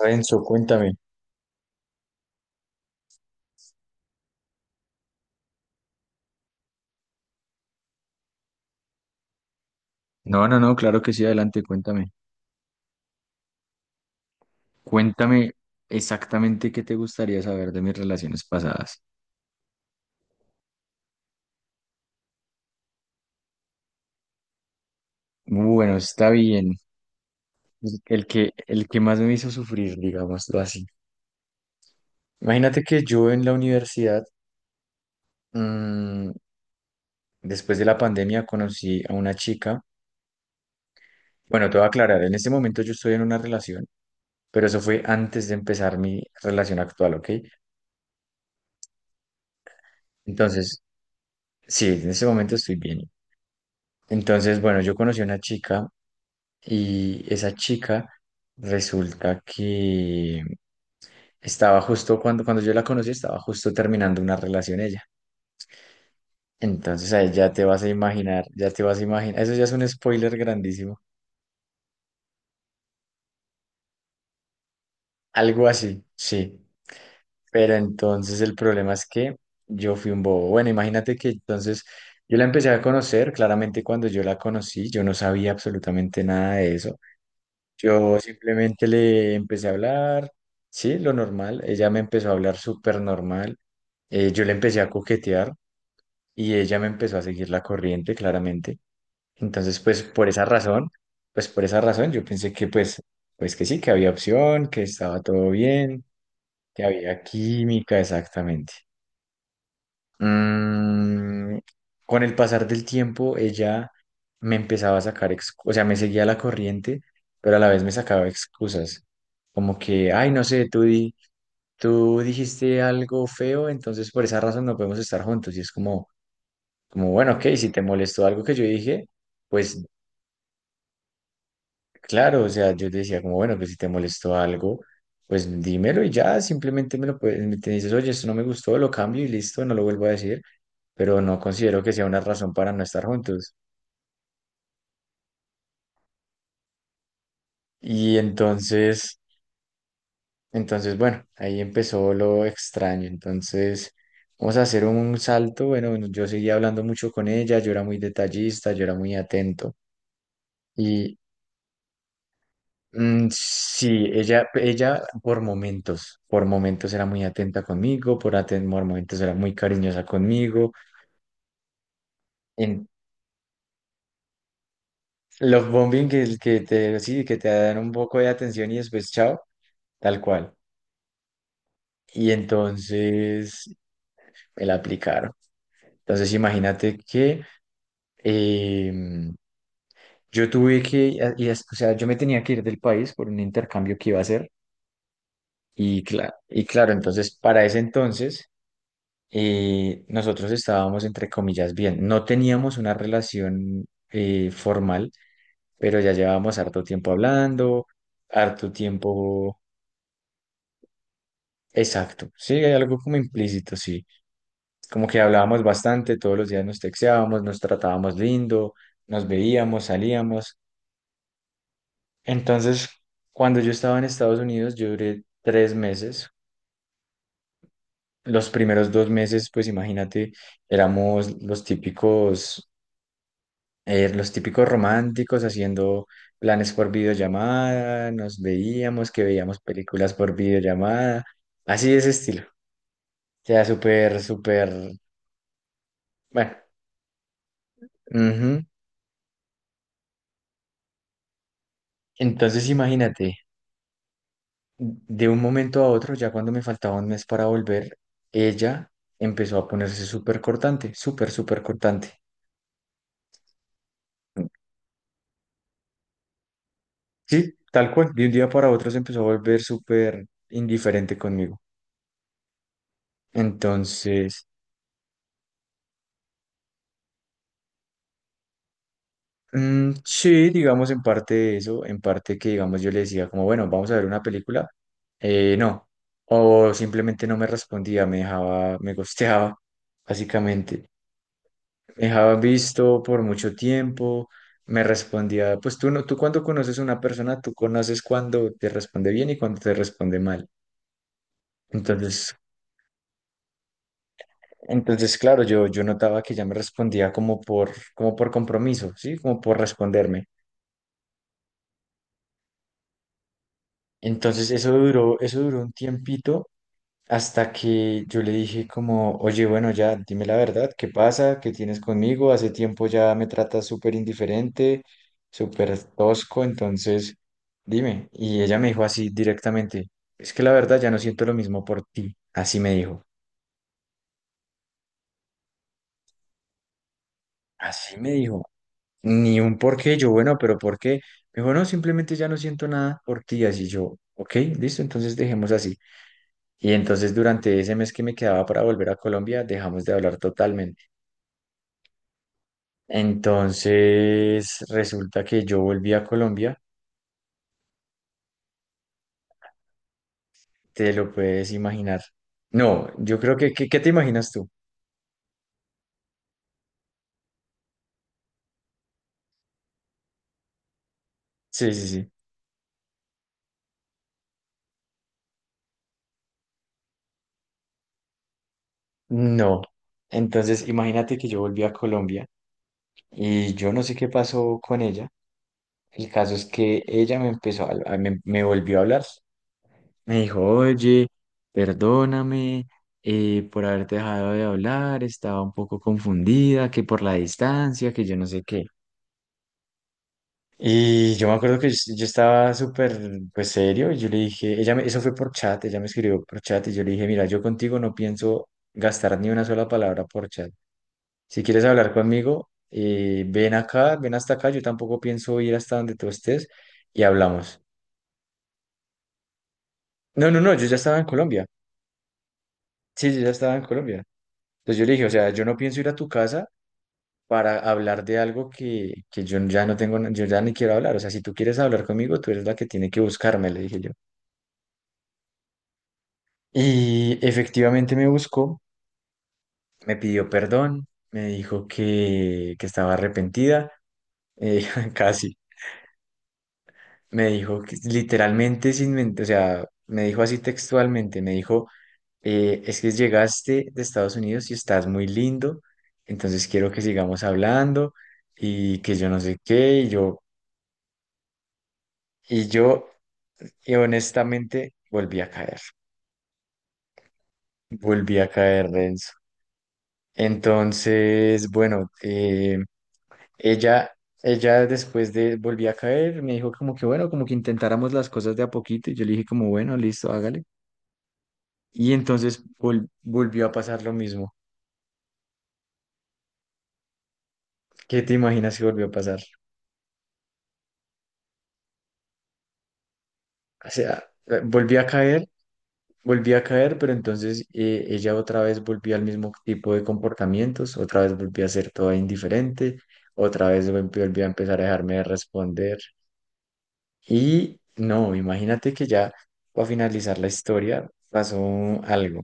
Renzo, cuéntame. No, no, no, claro que sí, adelante, cuéntame. Cuéntame exactamente qué te gustaría saber de mis relaciones pasadas. Bueno, está bien. El que más me hizo sufrir, digámoslo así. Imagínate que yo en la universidad, mm, después de la pandemia, conocí a una chica. Bueno, te voy a aclarar, en este momento yo estoy en una relación, pero eso fue antes de empezar mi relación actual, ¿ok? Entonces, sí, en este momento estoy bien. Entonces, bueno, yo conocí a una chica. Y esa chica resulta que estaba justo cuando yo la conocí, estaba justo terminando una relación ella. Entonces ahí ya te vas a imaginar, ya te vas a imaginar. Eso ya es un spoiler grandísimo. Algo así, sí. Pero entonces el problema es que yo fui un bobo. Bueno, imagínate que entonces yo la empecé a conocer. Claramente cuando yo la conocí, yo no sabía absolutamente nada de eso. Yo simplemente le empecé a hablar, sí, lo normal. Ella me empezó a hablar súper normal. Yo le empecé a coquetear y ella me empezó a seguir la corriente, claramente. Entonces, pues por esa razón yo pensé que pues que sí, que había opción, que estaba todo bien, que había química, exactamente. Mm, con el pasar del tiempo, ella me empezaba a sacar, o sea, me seguía la corriente, pero a la vez me sacaba excusas. Como que, ay, no sé, tú dijiste algo feo, entonces por esa razón no podemos estar juntos. Y es como, bueno, ok, si te molestó algo que yo dije, pues claro, o sea, yo te decía como, bueno, que si te molestó algo, pues dímelo y ya, simplemente me te dices, oye, esto no me gustó, lo cambio y listo, no lo vuelvo a decir. Pero no considero que sea una razón para no estar juntos. Y entonces, bueno, ahí empezó lo extraño. Entonces, vamos a hacer un salto. Bueno, bueno, yo seguía hablando mucho con ella, yo era muy detallista, yo era muy atento. Y sí, ella por momentos era muy atenta conmigo, por momentos era muy cariñosa conmigo. En los bombing sí, que te dan un poco de atención y después chao, tal cual. Y entonces me la aplicaron. Entonces imagínate que em, yo tuve que, a- y es- o sea, yo me tenía que ir del país por un intercambio que iba a hacer y, y claro, entonces para ese entonces nosotros estábamos entre comillas bien, no teníamos una relación formal, pero ya llevábamos harto tiempo hablando, harto tiempo, exacto, sí, hay algo como implícito, sí. Como que hablábamos bastante, todos los días nos texteábamos, nos tratábamos lindo, nos veíamos, salíamos. Entonces, cuando yo estaba en Estados Unidos, yo duré 3 meses. Los primeros 2 meses, pues imagínate, éramos los típicos románticos haciendo planes por videollamada, nos veíamos, que veíamos películas por videollamada, así de ese estilo. O sea, súper, súper, bueno. Ujú. Entonces, imagínate. De un momento a otro, ya cuando me faltaba un mes para volver, ella empezó a ponerse súper cortante, súper, súper cortante. Sí, tal cual. De un día para otro se empezó a volver súper indiferente conmigo. Entonces, sí, digamos en parte de eso, en parte que digamos yo le decía como, bueno, vamos a ver una película. No. O simplemente no me respondía, me dejaba, me ghosteaba, básicamente. Dejaba visto por mucho tiempo, me respondía, pues tú no, tú cuando conoces a una persona, tú conoces cuando te responde bien y cuando te responde mal. Entonces, entonces claro, yo notaba que ya me respondía como por, como por compromiso, ¿sí? Como por responderme. Entonces eso duró un tiempito. Hasta que yo le dije como, oye, bueno, ya, dime la verdad, ¿qué pasa? ¿Qué tienes conmigo? Hace tiempo ya me tratas súper indiferente, súper tosco, entonces dime. Y ella me dijo así directamente, es que la verdad ya no siento lo mismo por ti. Así me dijo, así me dijo. Ni un por qué, yo, bueno, pero ¿por qué? Me dijo, no, simplemente ya no siento nada por ti. Así yo, ok, listo, entonces dejemos así. Y entonces durante ese mes que me quedaba para volver a Colombia, dejamos de hablar. Entonces, resulta que yo volví a Colombia, te lo puedes imaginar. No, yo creo que, ¿qué, qué te imaginas tú? Sí, sí, sí. No. Entonces, imagínate que yo volví a Colombia y yo no sé qué pasó con ella. El caso es que ella me volvió a hablar. Me dijo, oye, perdóname por haberte dejado de hablar, estaba un poco confundida, que por la distancia, que yo no sé qué. Y yo me acuerdo que yo estaba súper, pues serio, y yo le dije, eso fue por chat, ella me escribió por chat y yo le dije, mira, yo contigo no pienso gastar ni una sola palabra por chat. Si quieres hablar conmigo, ven acá, ven hasta acá, yo tampoco pienso ir hasta donde tú estés y hablamos. No, no, no, yo ya estaba en Colombia. Sí, yo ya estaba en Colombia. Entonces yo le dije, o sea, yo no pienso ir a tu casa para hablar de algo que yo ya no tengo, yo ya ni quiero hablar. O sea, si tú quieres hablar conmigo, tú eres la que tiene que buscarme, le dije yo. Y efectivamente me buscó, me pidió perdón, me dijo que estaba arrepentida, eh, casi. Me dijo que literalmente sin mentir, o sea, me dijo así textualmente, me dijo, es que llegaste de Estados Unidos y estás muy lindo, entonces quiero que sigamos hablando y que yo no sé qué, y yo, y honestamente volví a caer, Renzo. Entonces, bueno, Ella, ella después de volví a caer, me dijo como que bueno, como que intentáramos las cosas de a poquito. Y yo le dije como bueno, listo, hágale. Y entonces volvió a pasar lo mismo. ¿Qué te imaginas si volvió a pasar? O sea, volví a caer, pero entonces ella otra vez volvió al mismo tipo de comportamientos, otra vez volvió a ser toda indiferente, otra vez volvió a empezar a dejarme de responder. Y no, imagínate que ya para finalizar la historia pasó algo.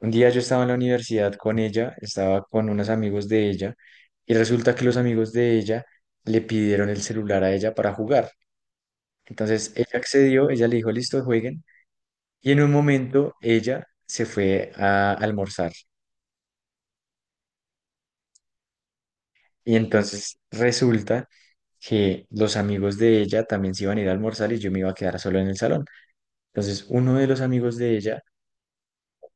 Un día yo estaba en la universidad con ella, estaba con unos amigos de ella, y resulta que los amigos de ella le pidieron el celular a ella para jugar. Entonces ella accedió, ella le dijo, listo, jueguen, y en un momento ella se fue a almorzar. Y entonces resulta que los amigos de ella también se iban a ir a almorzar y yo me iba a quedar solo en el salón. Entonces uno de los amigos de ella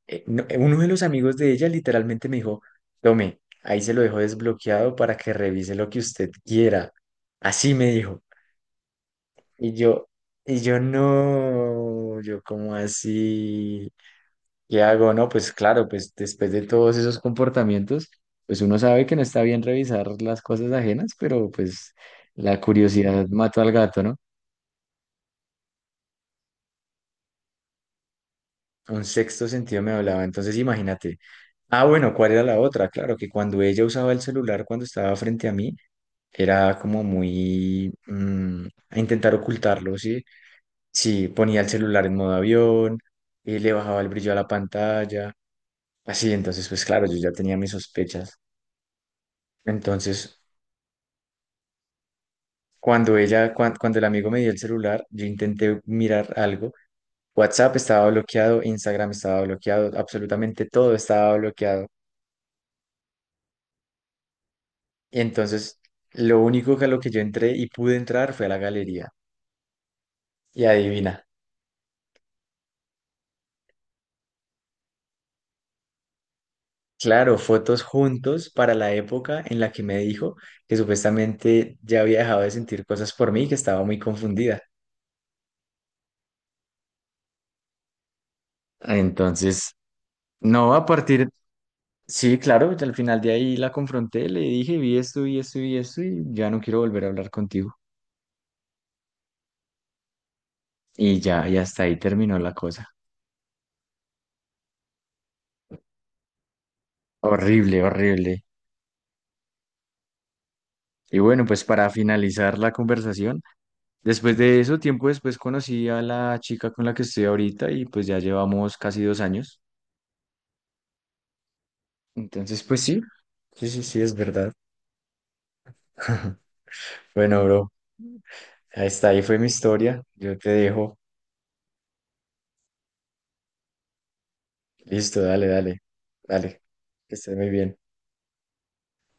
literalmente me dijo, tome, ahí se lo dejo desbloqueado para que revise lo que usted quiera. Así me dijo. Y yo, y yo no, yo como así, ¿qué hago? No, pues claro, pues después de todos esos comportamientos, pues uno sabe que no está bien revisar las cosas ajenas, pero pues la curiosidad mató al gato, ¿no? Un sexto sentido me hablaba, entonces imagínate. Ah, bueno, ¿cuál era la otra? Claro, que cuando ella usaba el celular, cuando estaba frente a mí, era como muy a intentar ocultarlo, ¿sí? Sí, ponía el celular en modo avión, le bajaba el brillo a la pantalla, así, entonces pues claro, yo ya tenía mis sospechas. Entonces, cuando el amigo me dio el celular, yo intenté mirar algo, WhatsApp estaba bloqueado, Instagram estaba bloqueado, absolutamente todo estaba bloqueado. Y entonces, lo único que a lo que yo entré y pude entrar fue a la galería. Y adivina. Claro, fotos juntos para la época en la que me dijo que supuestamente ya había dejado de sentir cosas por mí y que estaba muy confundida. Entonces, no, a partir, sí, claro, al final de ahí la confronté, le dije, vi esto vi esto vi esto y ya no quiero volver a hablar contigo. Y ya, y hasta ahí terminó la cosa. Horrible, horrible. Y bueno, pues para finalizar la conversación, después de eso, tiempo después conocí a la chica con la que estoy ahorita y pues ya llevamos casi 2 años. Entonces, pues sí, sí, sí, sí, es verdad. Bueno, bro, ahí está, ahí fue mi historia. Yo te dejo. Listo, dale, dale, dale. Que estés muy bien.